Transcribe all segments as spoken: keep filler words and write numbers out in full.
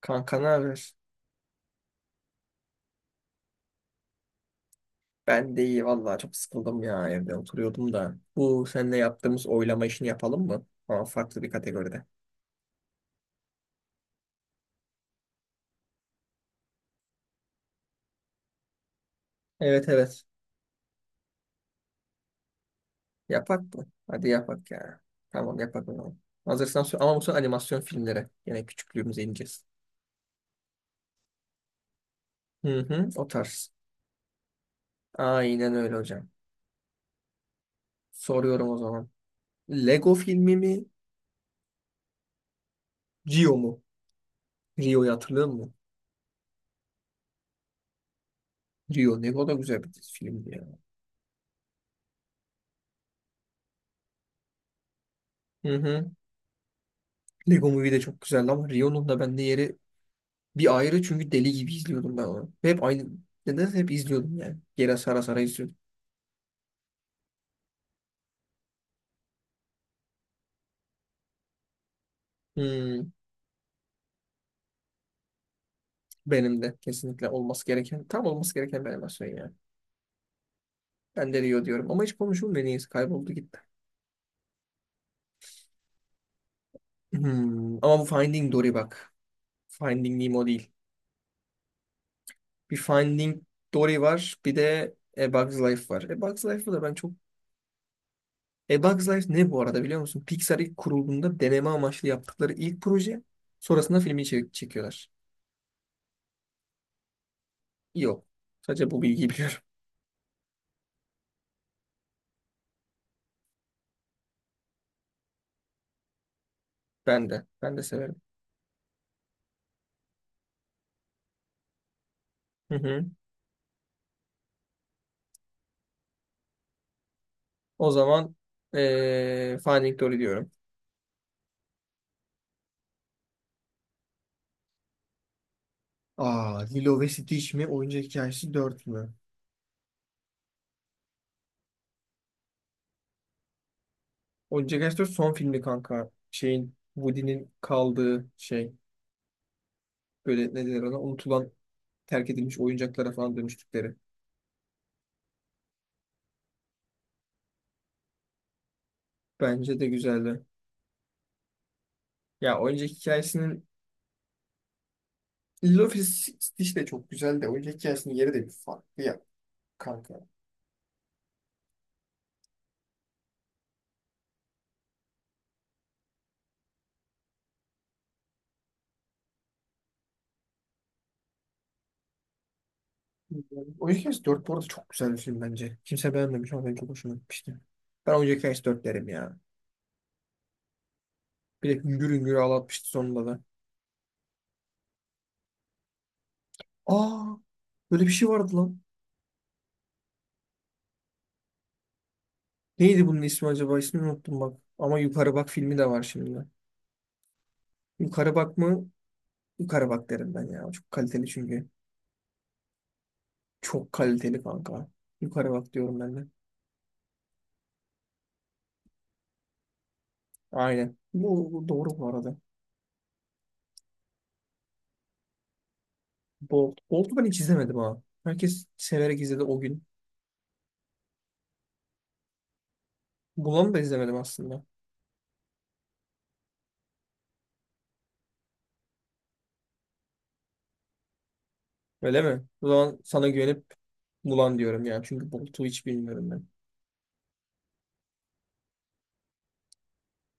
Kanka ne haber? Ben de iyi vallahi çok sıkıldım ya evde oturuyordum da. Bu seninle yaptığımız oylama işini yapalım mı? Ama farklı bir kategoride. Evet evet. Yapak mı? Hadi yapak ya. Tamam yapak o zaman. Hazırsan sor- ama bu sefer animasyon filmlere. Yine küçüklüğümüze ineceğiz. Hı hı, o tarz. Aynen öyle hocam. Soruyorum o zaman. Lego filmi mi? Rio mu? Rio'yu hatırlıyor musun? Rio Lego da güzel bir filmdi ya. Hı hı. Lego Movie de çok güzeldi ama Rio'nun da bende yeri bir ayrı çünkü deli gibi izliyordum ben onu. Ve hep aynı. Neden hep izliyordum yani. Geri sara sara izliyordum. Hmm, benim de kesinlikle olması gereken, tam olması gereken bir animasyon yani. Ben de Rio diyorum ama hiç konuşulmuyor neyse kayboldu gitti. Hmm, ama bu Finding Dory bak. Finding Nemo değil. Bir Finding Dory var, bir de A Bug's Life var. A Bug's Life'ı da ben çok... A Bug's Life ne, bu arada biliyor musun? Pixar ilk kurulduğunda deneme amaçlı yaptıkları ilk proje. Sonrasında filmi çek- çekiyorlar. Yok. Sadece bu bilgiyi biliyorum. Ben de. Ben de severim. Hı hı. O zaman eee Finding Dory diyorum. Aa, Lilo ve Stitch mi? Oyuncak Hikayesi dört mü? Oyuncak Aşk'ta son filmi kanka. Şeyin Woody'nin kaldığı şey. Böyle ne denir ona? Unutulan, terk edilmiş oyuncaklara falan dönüştükleri. Bence de güzeldi. Ya oyuncak hikayesinin Lilo ve Stitch de çok güzel de oyuncak hikayesinin yeri de bir farklı ya kanka. Oyuncak Hikayesi dört bu arada çok güzel bir film bence. Kimse beğenmemiş ama ben çok hoşuma gitmişti. Ben oyuncak hikayesi dört derim ya. Bir de hüngür hüngür ağlatmıştı sonunda da. Aa, böyle bir şey vardı lan. Neydi bunun ismi acaba? İsmini unuttum bak. Ama Yukarı Bak filmi de var şimdi. Yukarı Bak mı? Yukarı Bak derim ben ya. Çok kaliteli çünkü. Çok kaliteli kanka. Yukarı Bak diyorum ben de. Aynen. Bu, bu doğru bu arada. Bolt. Bolt'u ben hiç izlemedim ha. Herkes severek izledi o gün. Mulan'ı da izlemedim aslında. Öyle mi? O zaman sana güvenip Mulan diyorum ya. Çünkü Bolt'u hiç bilmiyorum ben.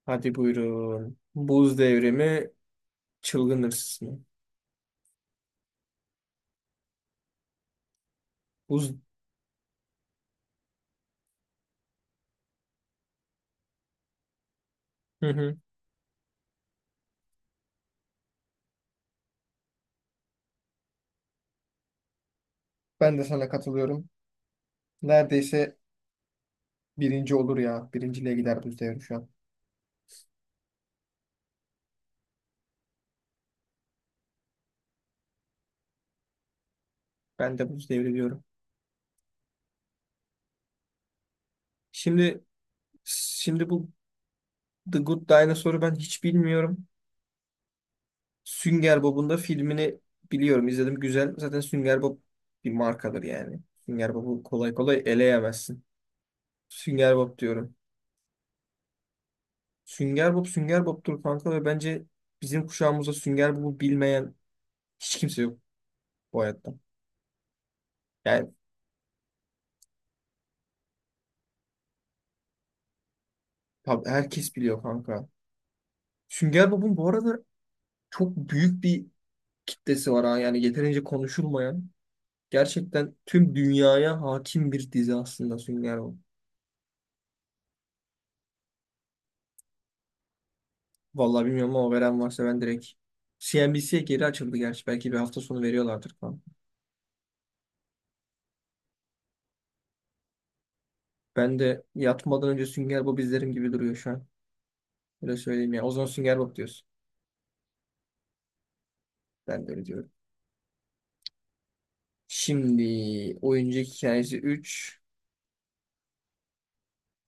Hadi buyurun. Buz Devrimi, Çılgın hırsız mı? Buz. Hı hı. Ben de sana katılıyorum. Neredeyse birinci olur ya. Birinciliğe gider bu devri şu an. Ben de buz devri diyorum. Şimdi şimdi bu The Good Dinosaur'u ben hiç bilmiyorum. Sünger Bob'un da filmini biliyorum. İzledim güzel. Zaten Sünger Bob bir markadır yani. Sünger Bob'u kolay kolay eleyemezsin. Sünger Bob diyorum. Sünger Bob Sünger Bob'tur kanka ve bence bizim kuşağımızda Sünger Bob'u bilmeyen hiç kimse yok bu hayatta. Yani tab- herkes biliyor kanka. Sünger Bob'un bu arada çok büyük bir kitlesi var ha. Yani yeterince konuşulmayan. Gerçekten tüm dünyaya hakim bir dizi aslında Sünger Bob. Vallahi bilmiyorum ama veren varsa ben direkt C N B C'ye geri açıldı gerçi. Belki bir hafta sonu veriyorlardır falan. Ben de yatmadan önce Sünger Bob izlerim gibi duruyor şu an. Öyle söyleyeyim ya. O zaman Sünger Bob diyorsun. Ben de öyle diyorum. Şimdi oyuncu hikayesi üç.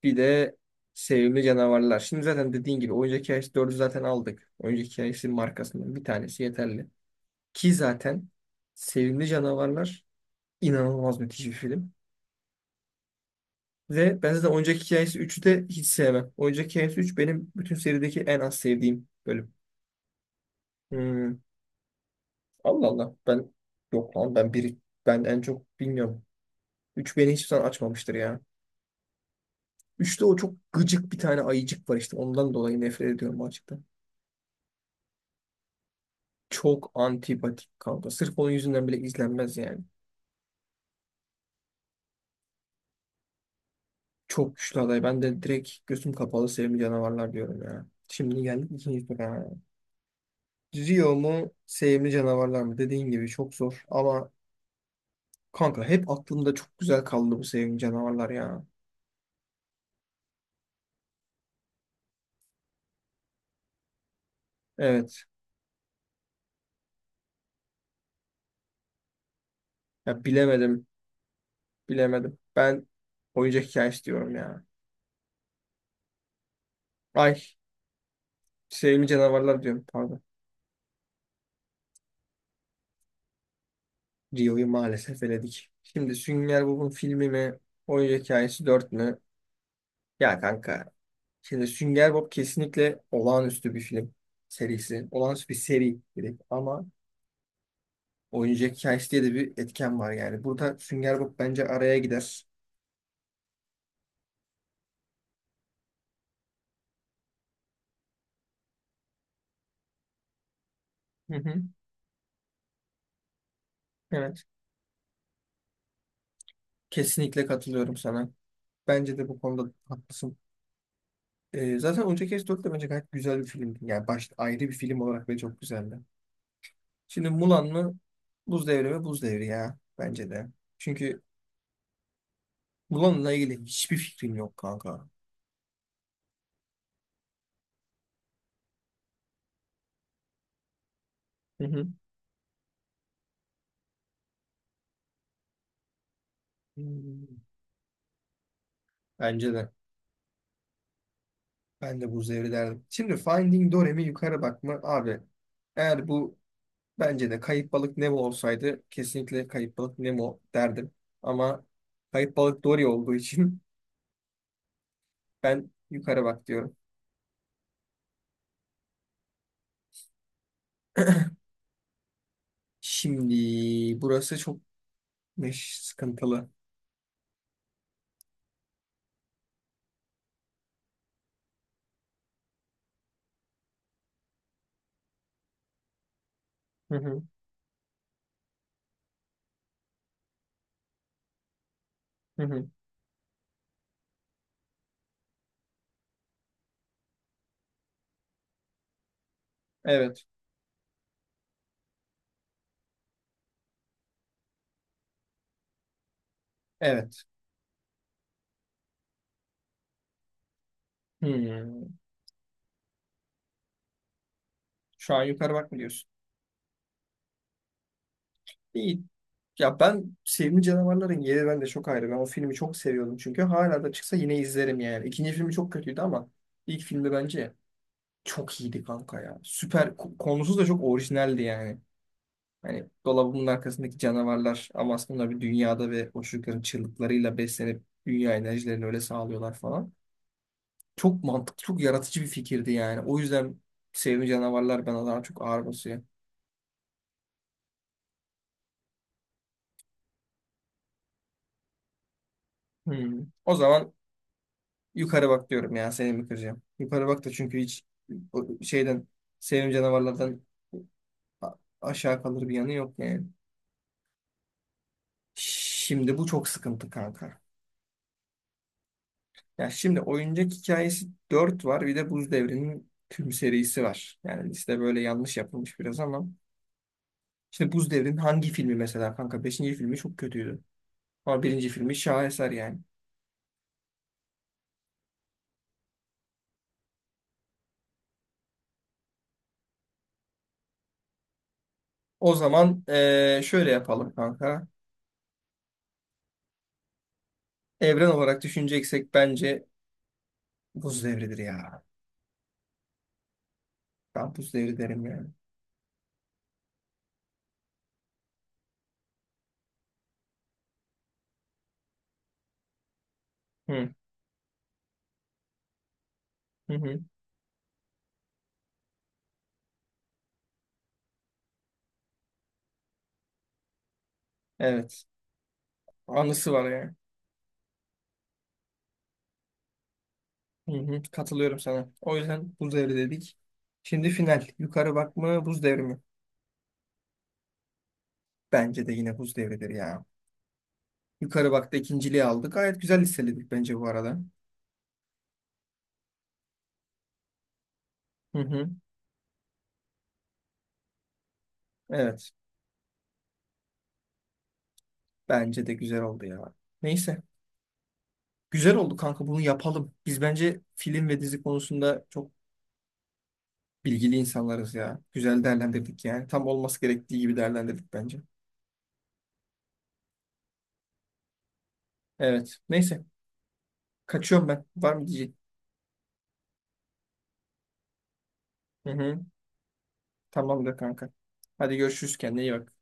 Bir de sevimli canavarlar. Şimdi zaten dediğin gibi oyuncak hikayesi dördü zaten aldık. Oyuncak hikayesi markasından bir tanesi yeterli. Ki zaten sevimli canavarlar inanılmaz müthiş bir film. Ve ben zaten oyuncak hikayesi üçü de hiç sevmem. Oyuncak hikayesi üç benim bütün serideki en az sevdiğim bölüm. Hmm, Allah Allah. Ben yok lan, ben biri, ben en çok bilmiyorum. Üç beni hiçbir zaman açmamıştır ya. Üçte o çok gıcık bir tane ayıcık var işte. Ondan dolayı nefret ediyorum o açıkta. Çok antipatik kanka. Sırf onun yüzünden bile izlenmez yani. Çok güçlü aday. Ben de direkt gözüm kapalı sevimli canavarlar diyorum ya. Şimdi geldik ikinci tura. Rio mu, sevimli canavarlar mı? Dediğin gibi çok zor. Ama kanka hep aklımda çok güzel kaldı bu sevimli canavarlar ya. Evet. Ya bilemedim. Bilemedim. Ben oyuncak hikayesi diyorum ya. Ay, sevimli canavarlar diyorum pardon. Rio'yu maalesef eledik. Şimdi Sünger Bob'un filmi mi? Oyuncak hikayesi dört mü? Ya kanka, şimdi Sünger Bob kesinlikle olağanüstü bir film serisi. Olağanüstü bir seri direkt ama oyuncak hikayesi diye de bir etken var yani. Burada Sünger Bob bence araya gider. Hı hı. Evet. Kesinlikle katılıyorum sana. Bence de bu konuda haklısın. Ee, zaten Oyuncak Hikayesi dört de bence gayet güzel bir filmdi. Yani baş, ayrı bir film olarak ve çok güzeldi. Şimdi Mulan mı? Buz Devri mi? Buz Devri ya. Bence de. Çünkü Mulan'la ilgili hiçbir fikrim yok kanka. Hı hı. Hmm. Bence de. Ben de buz devri derdim. Şimdi Finding Dory'mi yukarı bakma abi. Eğer bu, bence de Kayıp Balık Nemo olsaydı kesinlikle Kayıp Balık Nemo derdim. Ama Kayıp Balık Dory olduğu için ben yukarı bak diyorum. Şimdi burası çok meş sıkıntılı. Hı hı, hı hı. Evet. Evet. Hmm. Şu an yukarı bak mı diyorsun? İyi. Ya ben Sevimli Canavarların yeri bende çok ayrı. Ben o filmi çok seviyordum çünkü hala da çıksa yine izlerim yani. İkinci filmi çok kötüydü ama ilk filmi bence çok iyiydi kanka ya. Süper ko- konusu da çok orijinaldi yani. Hani dolabının arkasındaki canavarlar ama aslında bir dünyada ve o çocukların çığlıklarıyla beslenip dünya enerjilerini öyle sağlıyorlar falan. Çok mantıklı, çok yaratıcı bir fikirdi yani. O yüzden Sevimli Canavarlar bana daha çok ağır basıyor. Hmm. O zaman Yukarı bak diyorum ya, seni mi kıracağım? Yukarı bak da çünkü hiç o şeyden sevim canavarlardan a- aşağı kalır bir yanı yok yani. Şimdi bu çok sıkıntı kanka. Ya şimdi oyuncak hikayesi dört var, bir de Buz Devri'nin tüm serisi var. Yani liste böyle yanlış yapılmış biraz ama. Şimdi Buz Devri'nin hangi filmi mesela kanka? Beşinci filmi çok kötüydü. Ama birinci filmi şaheser yani. O zaman eee, şöyle yapalım kanka. Evren olarak düşüneceksek bence Buz Devri'dir ya. Kampüs devri derim yani. Hı hı. Hı. Evet. Anısı var yani. Hı hı. Katılıyorum sana. O yüzden buz devri dedik. Şimdi final. Yukarı bak mı buz devri mi? Bence de yine buz devridir ya. Yukarı bakta ikinciliği aldık. Gayet güzel listeledik bence bu arada. Hı hı. Evet. Bence de güzel oldu ya. Neyse. Güzel oldu kanka, bunu yapalım. Biz bence film ve dizi konusunda çok bilgili insanlarız ya. Güzel değerlendirdik yani. Tam olması gerektiği gibi değerlendirdik bence. Evet. Neyse. Kaçıyorum ben. Var mı diyecek? Hı hı. Tamamdır kanka. Hadi görüşürüz, kendine iyi bak.